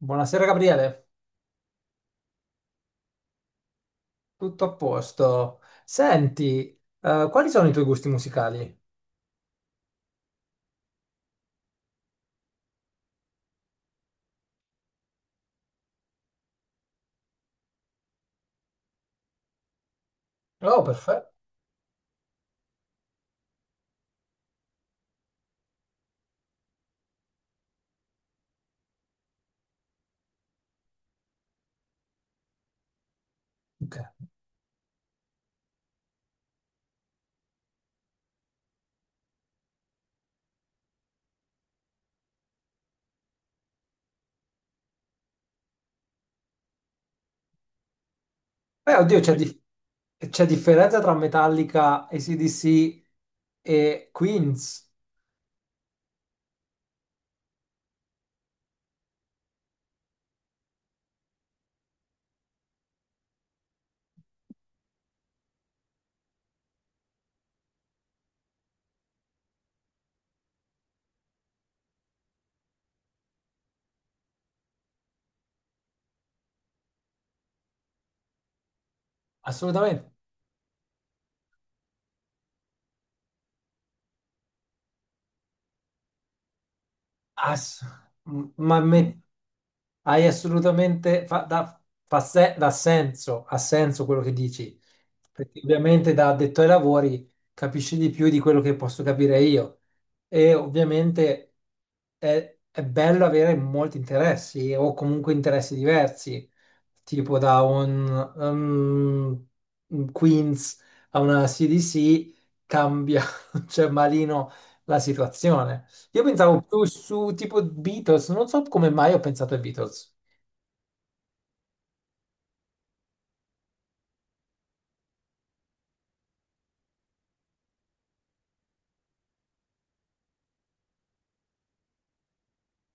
Buonasera Gabriele, tutto a posto. Senti, quali sono i tuoi gusti musicali? Oh, perfetto. Ok. Beh, oddio, c'è ecco. C'è differenza tra Metallica, AC/DC e Queens? Assolutamente. Ass- m- ma Mm. me- Hai assolutamente fa, da, fa se- dà senso, ha senso quello che dici, perché ovviamente da addetto ai lavori capisci di più di quello che posso capire io, e ovviamente è bello avere molti interessi o comunque interessi diversi, tipo da un Queens a una CDC cambia, cioè malino la situazione. Io pensavo più su tipo Beatles, non so come mai ho pensato ai Beatles.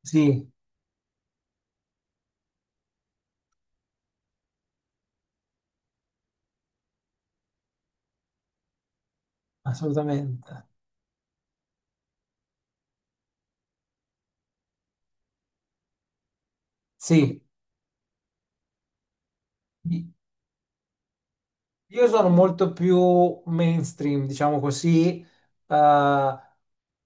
Sì, assolutamente. Sì, i- io sono molto più mainstream, diciamo così, eh,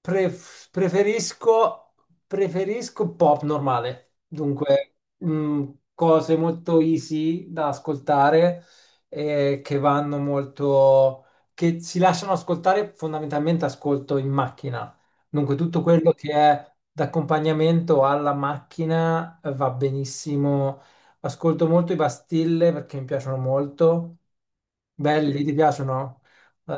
pref- preferisco, preferisco pop normale, dunque cose molto easy da ascoltare che vanno molto, che si lasciano ascoltare, fondamentalmente ascolto in macchina, dunque tutto quello che è d'accompagnamento alla macchina va benissimo. Ascolto molto i Bastille perché mi piacciono molto. Belli, ti piacciono? Eh,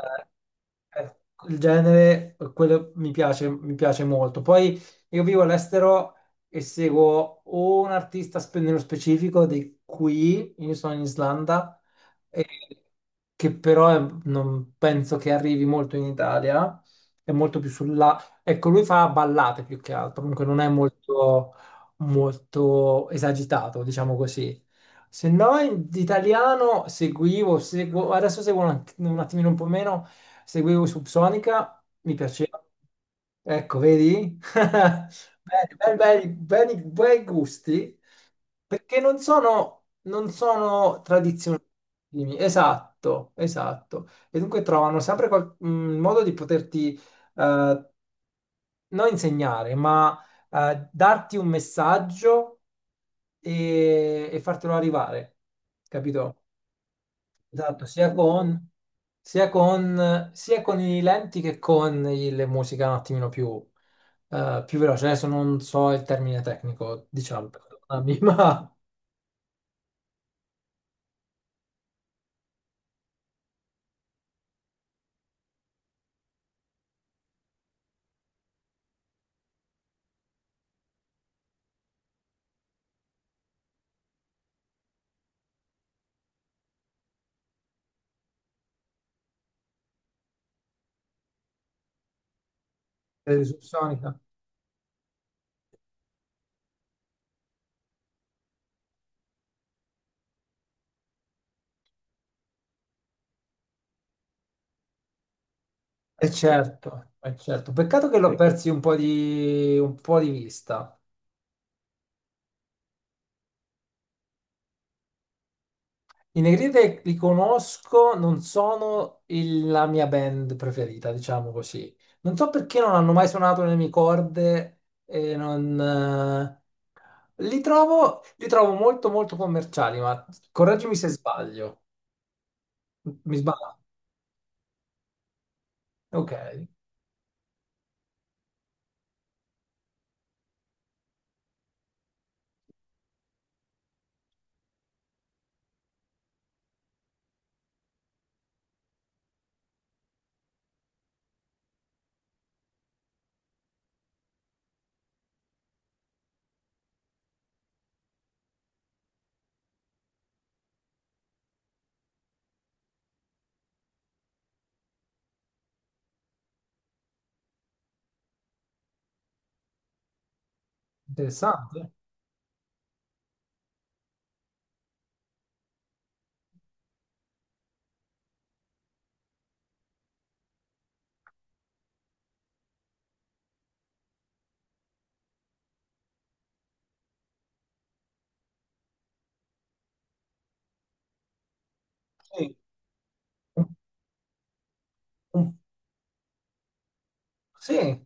eh, il genere, quello mi piace molto. Poi io vivo all'estero e seguo o un artista nello specifico di qui, io sono in Islanda, e- che però non penso che arrivi molto in Italia, è molto più sulla ecco, lui fa ballate più che altro, comunque non è molto esagitato, diciamo così. Se no, in italiano adesso seguo un attimino un po' meno, seguivo Subsonica, mi piaceva. Ecco, vedi? Bene, bei gusti, perché non sono tradizionali. Esatto, esatto. E dunque trovano sempre un modo di poterti eh, non insegnare, ma darti un messaggio e fartelo arrivare, capito? Esatto, sia con i lenti che con le musiche un attimino più, più veloce. Adesso non so il termine tecnico, diciamo, perdonami, ma è subsonica. E certo, è certo. Peccato che l'ho persi un po' di vista. I Negrite li conosco, non sono la mia band preferita, diciamo così. Non so perché non hanno mai suonato nelle mie corde e non li trovo molto commerciali, ma correggimi se sbaglio. Mi sbaglio? Ok, interessante. Sì. Un, un Sì,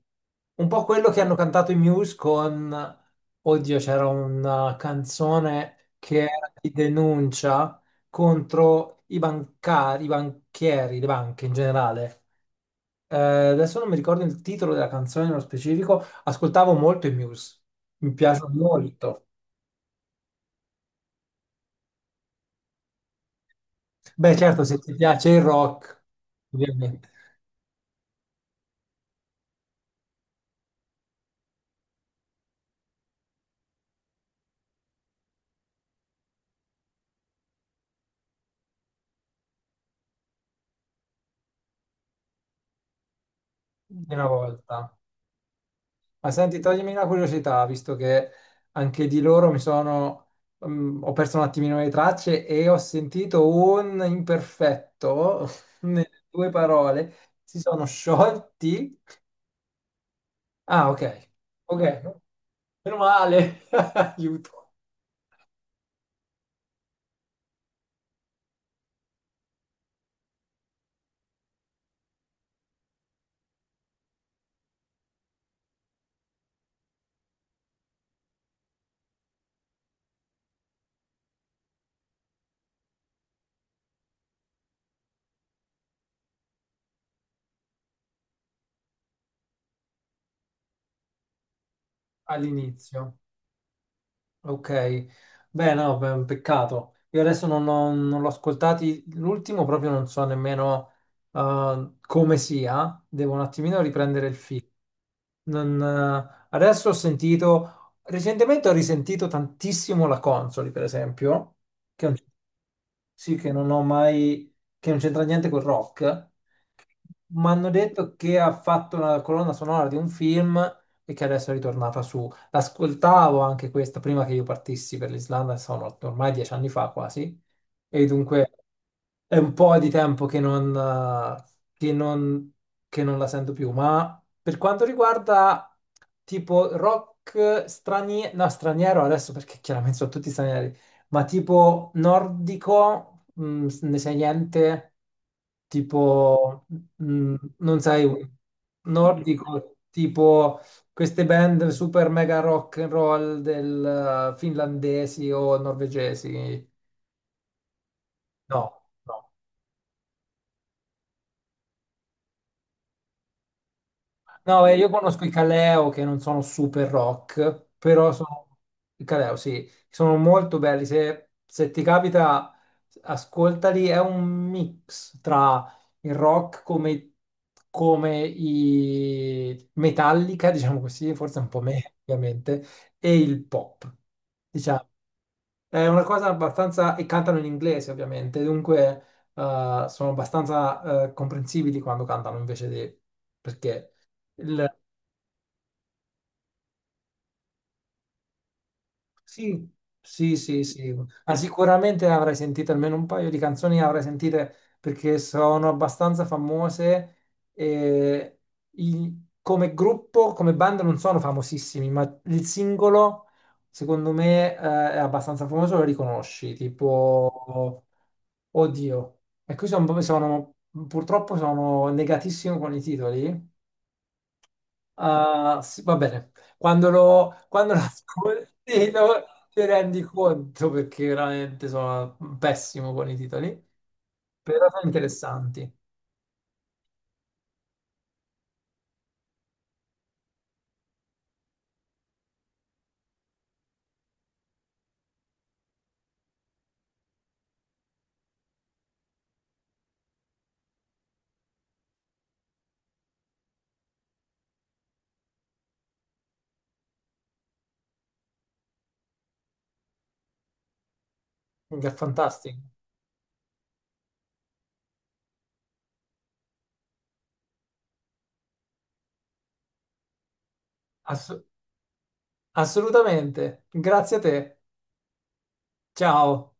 un po' quello che hanno cantato i Muse con, oddio, c'era una canzone che era di denuncia contro i bancari, i banchieri, le banche in generale. Adesso non mi ricordo il titolo della canzone nello specifico, ascoltavo molto i Muse, mi piacciono molto. Beh, certo, se ti piace il rock, ovviamente, di una volta. Ma senti, toglimi una curiosità, visto che anche di loro ho perso un attimino le tracce e ho sentito un imperfetto nelle due parole. Si sono sciolti. Ah, ok. Ok. Meno male. Aiuto. All'inizio. Ok. Beh, no, beh, un peccato. Io adesso non l'ho ascoltati. L'ultimo proprio non so nemmeno, come sia. Devo un attimino riprendere il filo. Non, adesso ho sentito, recentemente ho risentito tantissimo la Consoli, per esempio, che è un sì, che non ho mai, che non c'entra niente col rock. Mi hanno detto che ha fatto la colonna sonora di un film e che adesso è ritornata su. L'ascoltavo anche questa prima che io partissi per l'Islanda, sono ormai 10 anni fa quasi, e dunque è un po' di tempo che non, che non, che non la sento più. Ma per quanto riguarda tipo rock straniero, no, straniero adesso perché chiaramente sono tutti stranieri, ma tipo nordico, ne sai niente? Tipo, non sai, nordico, tipo queste band super mega rock and roll del finlandesi o norvegesi? No, no. No, io conosco i Kaleo che non sono super rock, però sono i Kaleo, sì, sono molto belli. Se ti capita, ascoltali. È un mix tra il rock come, come i Metallica, diciamo così, forse un po' meno, ovviamente, e il pop. Diciamo, è una cosa abbastanza. E cantano in inglese, ovviamente, dunque sono abbastanza comprensibili quando cantano invece di. Perché. Sì, sì, sì, sì. Ma sicuramente avrai sentito almeno un paio di canzoni, avrai sentite perché sono abbastanza famose e come gruppo, come band non sono famosissimi, ma il singolo secondo me è abbastanza famoso, lo riconosci, tipo, oddio. E qui purtroppo sono negatissimo con i titoli. Ah, sì, va bene, quando lo ascolti ti rendi conto perché veramente sono pessimo con i titoli, però sono interessanti, è fantastico. Ass- Assolutamente, grazie a te, ciao.